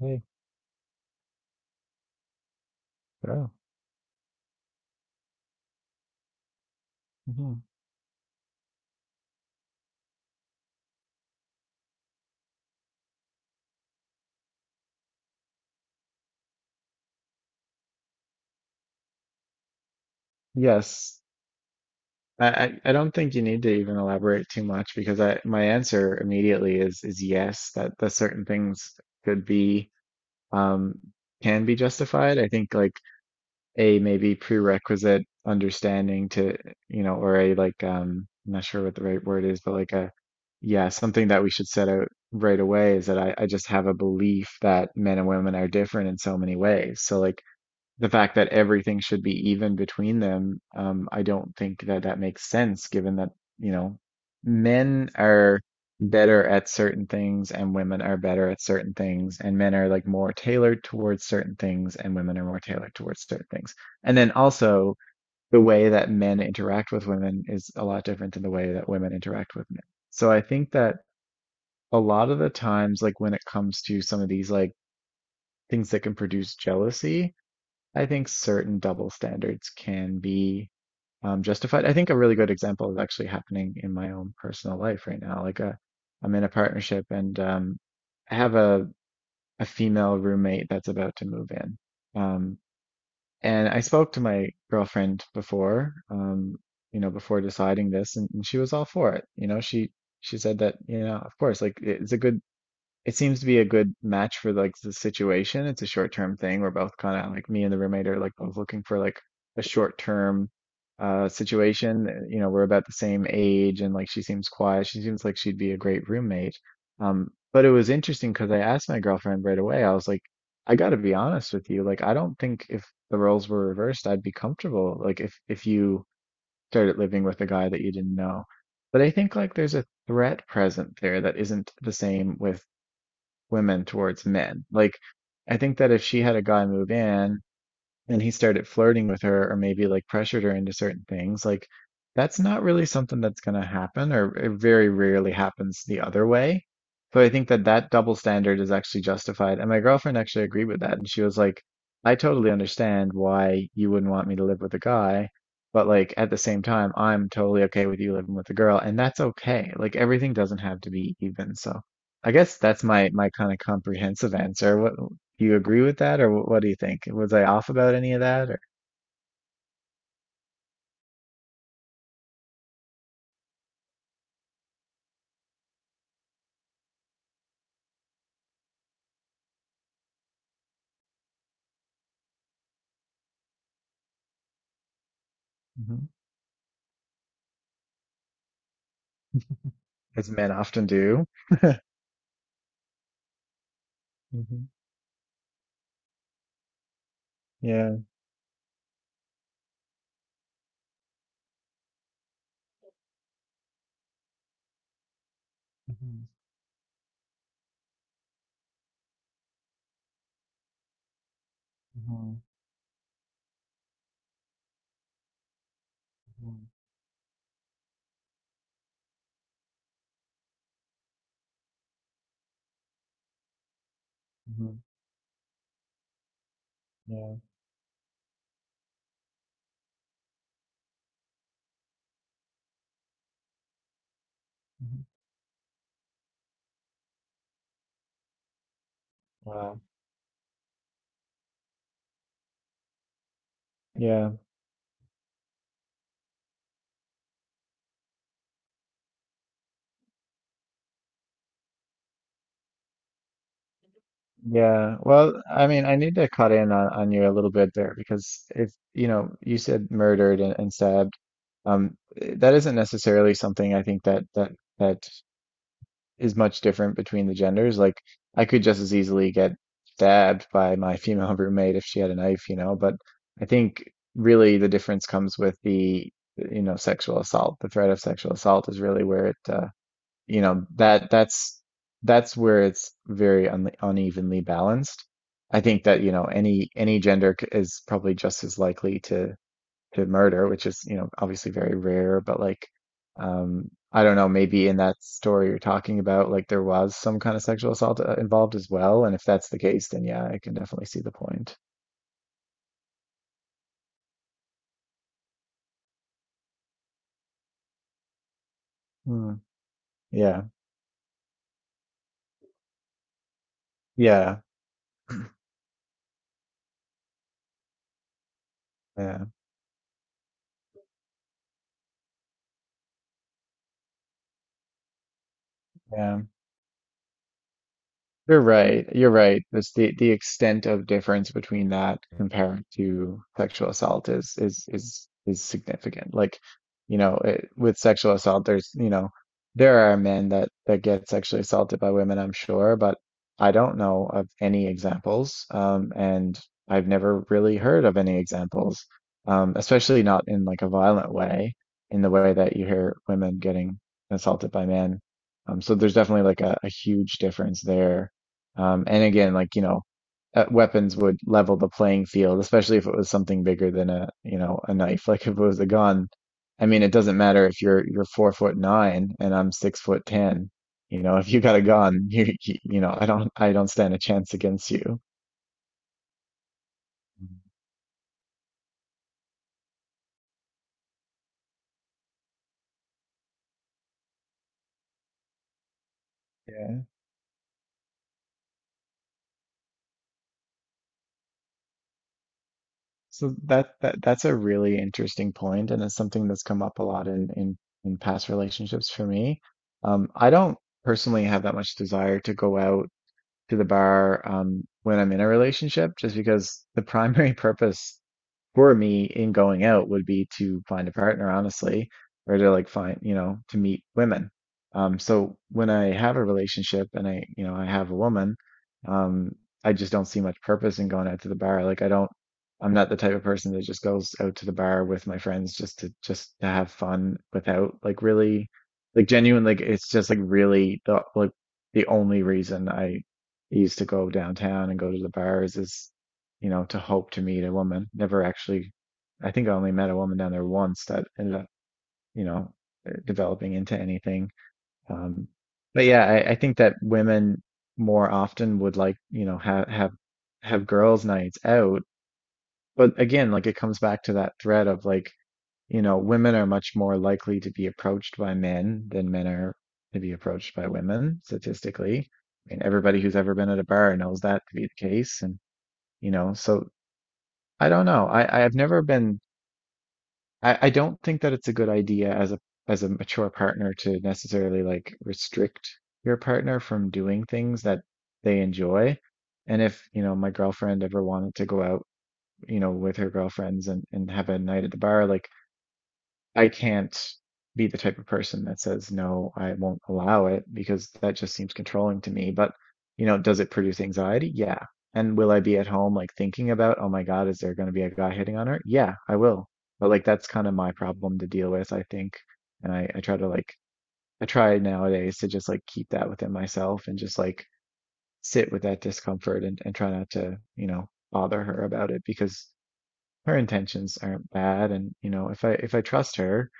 Hey, bro. Mhm. Yes. I, I don't think you need to even elaborate too much because I my answer immediately is yes, that certain things could be um can be justified. I think like a maybe prerequisite understanding to you know, or a like I'm not sure what the right word is, but like a yeah, something that we should set out right away is that I just have a belief that men and women are different in so many ways. So like the fact that everything should be even between them, I don't think that that makes sense given that, you know, men are better at certain things and women are better at certain things and men are like more tailored towards certain things and women are more tailored towards certain things. And then also the way that men interact with women is a lot different than the way that women interact with men. So I think that a lot of the times, like when it comes to some of these like things that can produce jealousy, I think certain double standards can be justified. I think a really good example is actually happening in my own personal life right now. Like I'm in a partnership and I have a female roommate that's about to move in. Um, and I spoke to my girlfriend before, before deciding this, and she was all for it. She said that, of course, like it's a good it seems to be a good match for like the situation. It's a short term thing. We're both kind of like me and the roommate are like both looking for like a short term situation. We're about the same age and like she seems quiet. She seems like she'd be a great roommate. But it was interesting because I asked my girlfriend right away. I was like, I gotta be honest with you. Like, I don't think if the roles were reversed, I'd be comfortable. Like, if you started living with a guy that you didn't know. But I think like there's a threat present there that isn't the same with women towards men. Like, I think that if she had a guy move in and he started flirting with her or maybe like pressured her into certain things, like that's not really something that's going to happen or it very rarely happens the other way. So I think that that double standard is actually justified. And my girlfriend actually agreed with that. And she was like, I totally understand why you wouldn't want me to live with a guy, but like at the same time, I'm totally okay with you living with a girl, and that's okay. Like everything doesn't have to be even. So I guess that's my kind of comprehensive answer. What Do you agree with that, or what do you think? Was I off about any of that, or Mhm. As men often do? Mhm. Yeah. Mhm. Mhm. Mhm. Mhm. Yeah. Mhm. Wow. Yeah. Yeah. Well, I mean, I need to cut in on you a little bit there because if, you know, you said murdered and stabbed, that isn't necessarily something I think that that is much different between the genders. Like I could just as easily get stabbed by my female roommate if she had a knife, you know, but I think really the difference comes with the, you know, sexual assault. The threat of sexual assault is really where you know, that that's that's where it's very un unevenly balanced. I think that, any gender is probably just as likely to murder, which is, you know, obviously very rare, but like I don't know, maybe in that story you're talking about, like there was some kind of sexual assault involved as well, and if that's the case, then yeah, I can definitely see the point. Hmm. Yeah. Yeah. Yeah. Yeah. You're right. You're right. That's the extent of difference between that compared to sexual assault is significant. Like, you know, it, with sexual assault, there's, you know, there are men that get sexually assaulted by women, I'm sure, but I don't know of any examples. And I've never really heard of any examples, especially not in like a violent way, in the way that you hear women getting assaulted by men. So there's definitely like a huge difference there and again, like, weapons would level the playing field, especially if it was something bigger than a knife. Like if it was a gun, I mean, it doesn't matter if you're 4'9" and I'm 6'10". You know, if you got a gun, you know, I don't stand a chance against you. Yeah. So that's a really interesting point, and it's something that's come up a lot in past relationships for me. I don't personally have that much desire to go out to the bar when I'm in a relationship, just because the primary purpose for me in going out would be to find a partner, honestly, or to like find, to meet women. So when I have a relationship and I have a woman, um, I just don't see much purpose in going out to the bar. Like I'm not the type of person that just goes out to the bar with my friends just to have fun without like really, like genuine, like it's just like really the like the only reason I used to go downtown and go to the bars is to hope to meet a woman. Never actually, I think I only met a woman down there once that ended up, you know, developing into anything. Um, but yeah, I think that women more often would like, have girls' nights out. But again, like it comes back to that thread of like, women are much more likely to be approached by men than men are to be approached by women statistically. I mean, everybody who's ever been at a bar knows that to be the case. And, so I don't know. I don't think that it's a good idea as a mature partner to necessarily like restrict your partner from doing things that they enjoy. And if, my girlfriend ever wanted to go out, with her girlfriends and have a night at the bar, like I can't be the type of person that says, no, I won't allow it because that just seems controlling to me. But, does it produce anxiety? Yeah. And will I be at home like thinking about, oh my God, is there going to be a guy hitting on her? Yeah, I will. But like that's kind of my problem to deal with, I think. And I try nowadays to just like keep that within myself and just like sit with that discomfort and try not to, bother her about it because her intentions aren't bad and if I trust her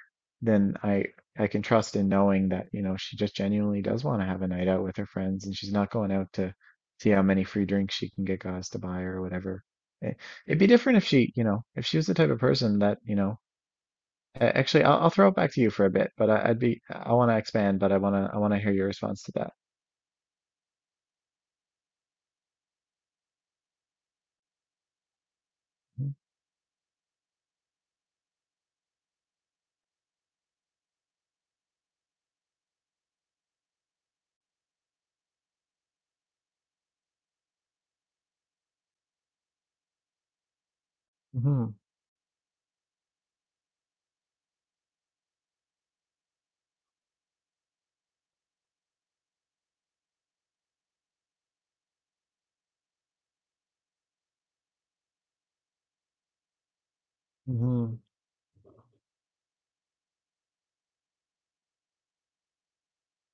then I can trust in knowing that she just genuinely does want to have a night out with her friends and she's not going out to see how many free drinks she can get guys to buy or whatever. It, it'd be different if she you know if she was the type of person that actually I'll throw it back to you for a bit but I, I'd be I want to expand but I want to hear your response to that. Mm-hmm. Mm-hmm.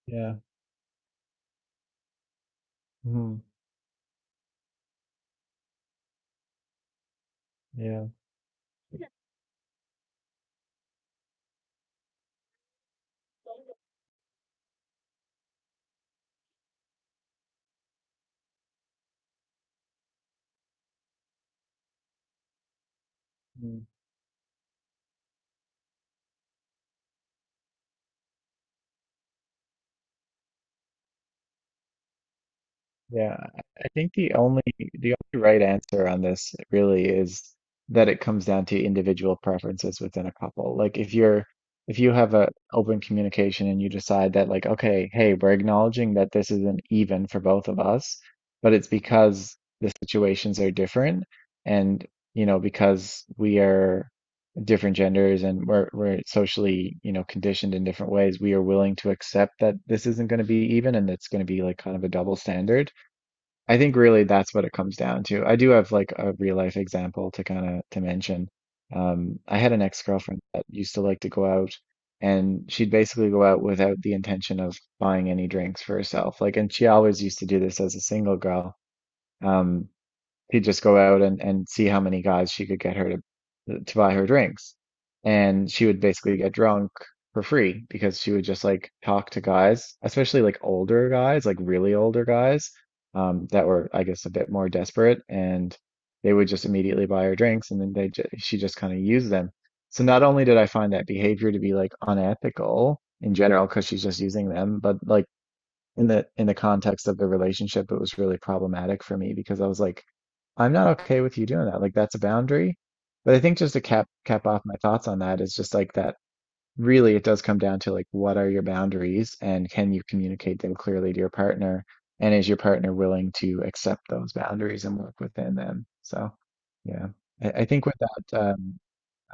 Yeah. Mm-hmm. Yeah. Yeah, I think the only right answer on this really is that it comes down to individual preferences within a couple. Like if you have a open communication and you decide that like, okay, hey, we're acknowledging that this isn't even for both of us, but it's because the situations are different and you know, because we are different genders and we're socially, you know, conditioned in different ways, we are willing to accept that this isn't going to be even and it's going to be like kind of a double standard. I think really that's what it comes down to. I do have like a real life example to kind of to mention. I had an ex-girlfriend that used to like to go out and she'd basically go out without the intention of buying any drinks for herself. Like, and she always used to do this as a single girl. Um, she'd just go out and see how many guys she could get her to buy her drinks. And she would basically get drunk for free because she would just like talk to guys, especially like older guys, like really older guys, that were, I guess, a bit more desperate, and they would just immediately buy her drinks, and then they ju she just kind of used them. So not only did I find that behavior to be like unethical in general because she's just using them, but like in the context of the relationship, it was really problematic for me because I was like, I'm not okay with you doing that. Like that's a boundary. But I think just to cap off my thoughts on that is just like that really it does come down to like what are your boundaries and can you communicate them clearly to your partner? And is your partner willing to accept those boundaries and work within them? So yeah. I think with that,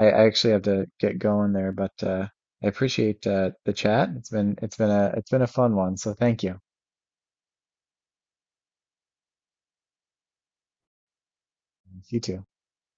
I actually have to get going there, but I appreciate the chat. It's been a fun one, so thank you. You too.